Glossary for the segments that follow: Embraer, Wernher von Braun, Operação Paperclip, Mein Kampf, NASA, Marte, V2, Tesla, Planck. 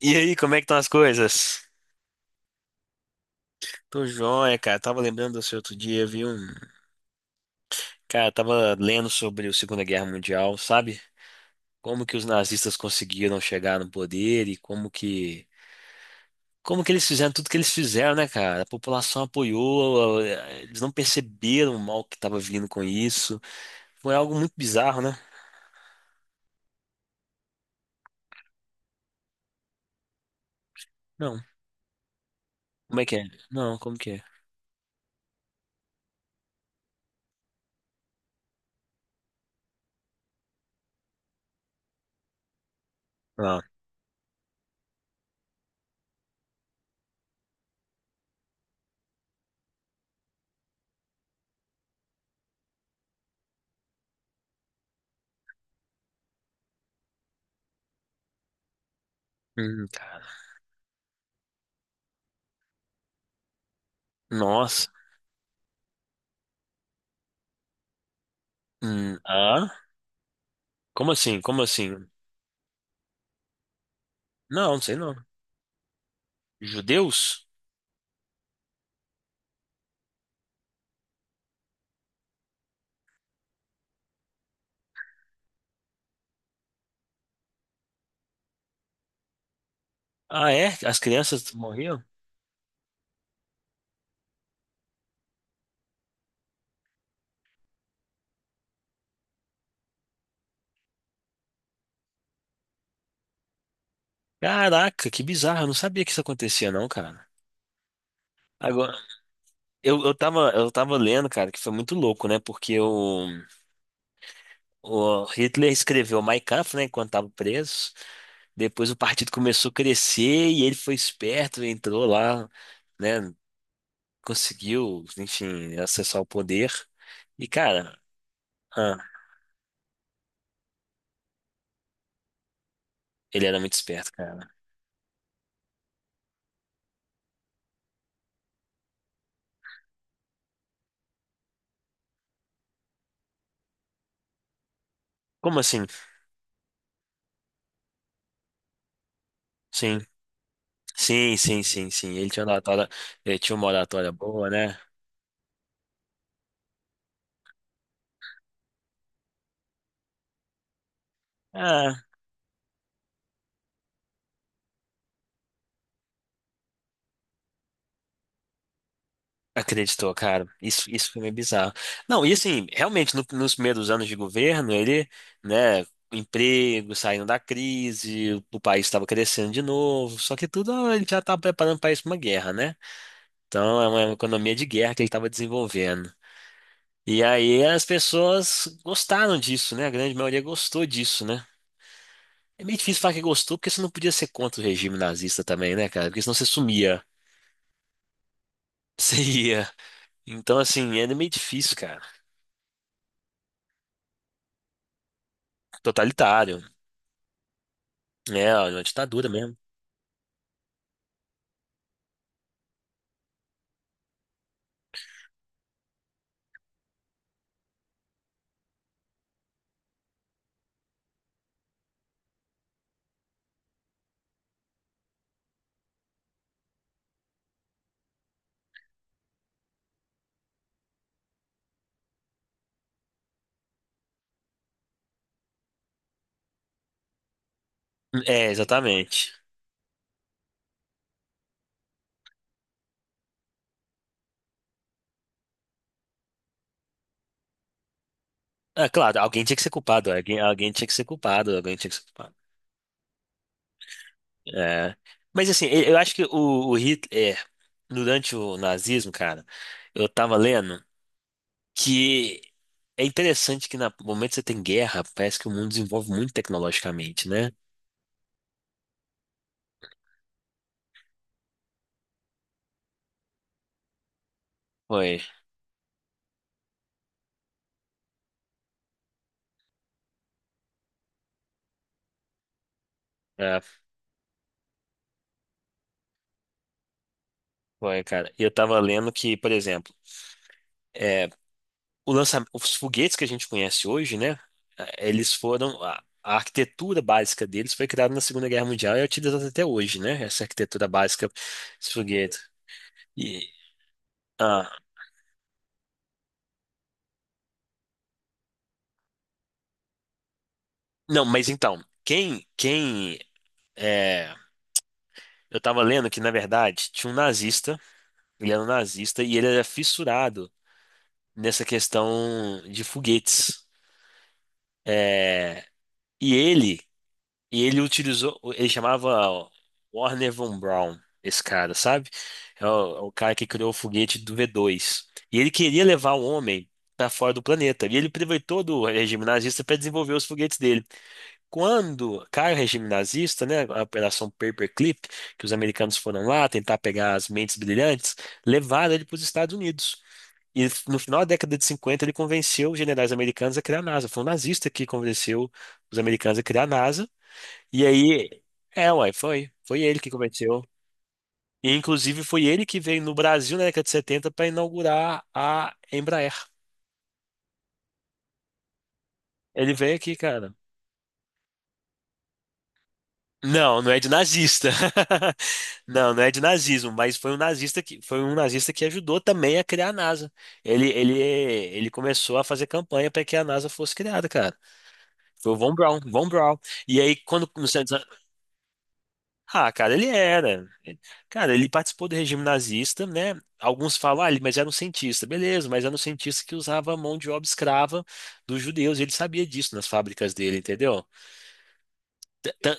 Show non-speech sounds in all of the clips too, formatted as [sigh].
E aí, como é que estão as coisas? Tô joia, cara. Tava lembrando do seu outro dia, viu? Cara, tava lendo sobre a Segunda Guerra Mundial, sabe? Como que os nazistas conseguiram chegar no poder e como que eles fizeram tudo que eles fizeram, né, cara? A população apoiou, eles não perceberam o mal que tava vindo com isso. Foi algo muito bizarro, né? Não. Como é que é? Não, como que é? Ah. Cara. Nossa. Ah? Como assim? Como assim? Não, não sei não. Judeus? Ah, é? As crianças morriam? Caraca, que bizarro. Eu não sabia que isso acontecia, não, cara. Agora, eu tava lendo, cara, que foi muito louco, né? Porque o Hitler escreveu Mein Kampf, né, enquanto tava preso. Depois o partido começou a crescer e ele foi esperto, entrou lá, né? Conseguiu, enfim, acessar o poder. E, cara, ah, ele era muito esperto, cara. Como assim? Sim, sim, sim, sim, sim. Ele tinha uma oratória boa, né? Ah, acreditou, cara. Isso foi meio bizarro. Não, e assim, realmente, nos primeiros anos de governo, ele, né, emprego, saindo da crise, o país estava crescendo de novo, só que tudo ele já estava preparando o país para uma guerra, né? Então, é uma economia de guerra que ele estava desenvolvendo. E aí as pessoas gostaram disso, né? A grande maioria gostou disso, né? É meio difícil falar que gostou, porque você não podia ser contra o regime nazista também, né, cara? Porque senão você sumia. [laughs] Você ia. Então, assim, era meio difícil, cara. Totalitário. É, ó, uma ditadura mesmo. É, exatamente. É, claro, alguém tinha que ser culpado, alguém tinha que ser culpado, alguém tinha que ser culpado. É. Mas assim, eu acho que o Hitler, durante o nazismo, cara, eu tava lendo que é interessante que no momento que você tem guerra, parece que o mundo desenvolve muito tecnologicamente, né? Foi, é, foi, cara. E eu tava lendo que, por exemplo, é, o lançamento, os foguetes que a gente conhece hoje, né? eh, Eles foram a, a arquitetura básica deles foi criada na Segunda Guerra Mundial e é utilizada até hoje, né? Essa arquitetura básica, esse foguete. E, ah, não, mas então, é, eu estava lendo que na verdade tinha um nazista, ele era um nazista e ele era fissurado nessa questão de foguetes. é e ele E ele utilizou, ele chamava Warner von Braun, esse cara, sabe? É o cara que criou o foguete do V2. E ele queria levar o homem para fora do planeta. E ele aproveitou do regime nazista para desenvolver os foguetes dele. Quando cai o regime nazista, né, a Operação Paperclip, que os americanos foram lá tentar pegar as mentes brilhantes, levaram ele para os Estados Unidos. E no final da década de 50 ele convenceu os generais americanos a criar a NASA. Foi um nazista que convenceu os americanos a criar a NASA. E aí, uai, foi. Foi ele que cometeu. E, inclusive, foi ele que veio no Brasil na década de 70 para inaugurar a Embraer. Ele veio aqui, cara. Não, não é de nazista. [laughs] Não, não é de nazismo, mas foi um nazista que foi um nazista que ajudou também a criar a NASA. Ele começou a fazer campanha para que a NASA fosse criada, cara. Foi o Von Braun, Von Braun. E aí quando Ah, cara, ele era. Cara, ele participou do regime nazista, né? Alguns falam, ah, mas era um cientista. Beleza, mas era um cientista que usava a mão de obra escrava dos judeus. Ele sabia disso nas fábricas dele, entendeu? T- tan-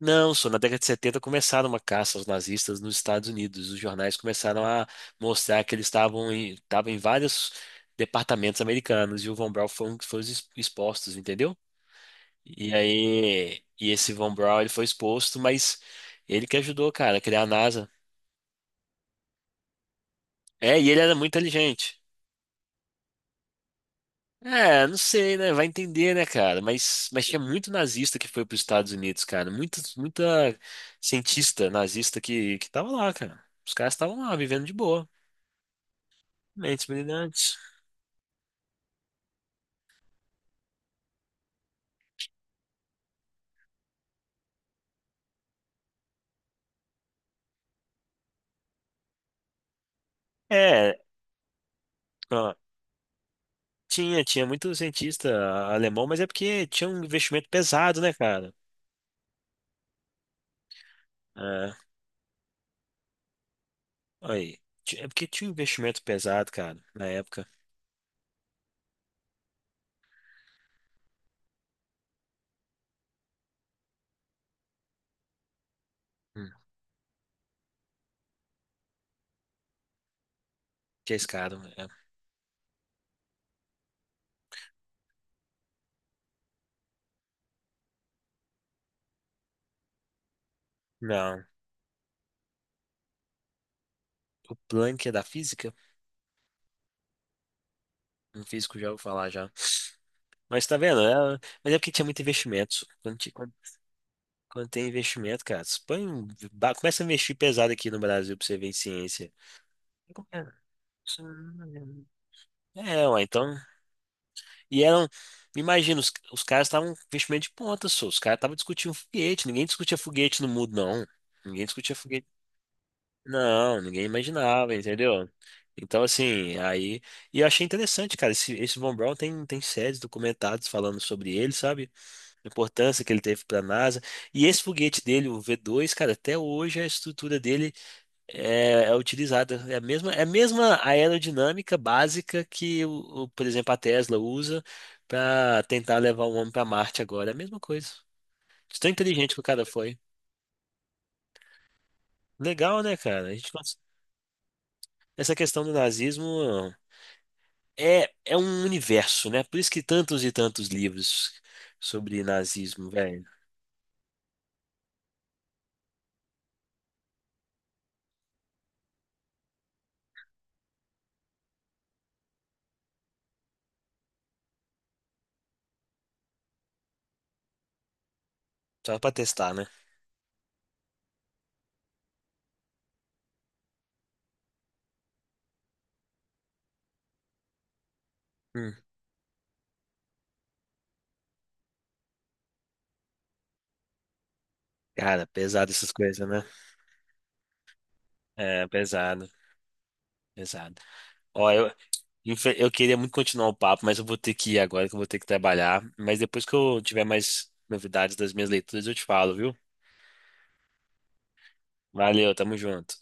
Não, só na década de 70 começaram uma caça aos nazistas nos Estados Unidos. Os jornais começaram a mostrar que estavam em vários departamentos americanos e o Von Braun foi um que foi os expostos, entendeu? E aí, e esse Von Braun, ele foi exposto, mas ele que ajudou, cara, a criar a NASA. É, e ele era muito inteligente. É, não sei, né? Vai entender, né, cara? Mas tinha muito nazista que foi para os Estados Unidos, cara. Muita, muita cientista nazista que tava lá, cara. Os caras estavam lá, vivendo de boa. Mentes brilhantes. É, ó, tinha muito cientista alemão, mas é porque tinha um investimento pesado, né, cara? É, olha aí. É porque tinha um investimento pesado, cara, na época. Hum, que é esse cara, é. Não. O Planck é da física? Um físico já ouviu falar já. Mas tá vendo? Mas é porque tinha muito investimento. Quando tem investimento, cara, você põe, começa a investir pesado aqui no Brasil pra você ver em ciência. Como que É, Isso não- É, ué, então. E eram. Imagina, os caras estavam com investimento de ponta, só. Os caras estavam discutindo foguete. Ninguém discutia foguete no mundo, não. Ninguém discutia foguete. Não, ninguém imaginava, entendeu? Então, assim, aí. E eu achei interessante, cara. Esse Von Braun tem séries documentadas falando sobre ele, sabe? A importância que ele teve para a NASA. E esse foguete dele, o V2, cara, até hoje a estrutura dele é utilizada. É a mesma aerodinâmica básica que, por exemplo, a Tesla usa para tentar levar o homem para Marte agora. É a mesma coisa. De tão inteligente que o cara foi. Legal, né, cara? Essa questão do nazismo é um universo, né? Por isso que tantos e tantos livros sobre nazismo, velho. Só pra testar, né? Hum. Cara, pesado essas coisas, né? É, pesado, pesado. Ó, eu queria muito continuar o papo, mas eu vou ter que ir agora, que eu vou ter que trabalhar. Mas depois que eu tiver mais novidades das minhas leituras, eu te falo, viu? Valeu, tamo junto.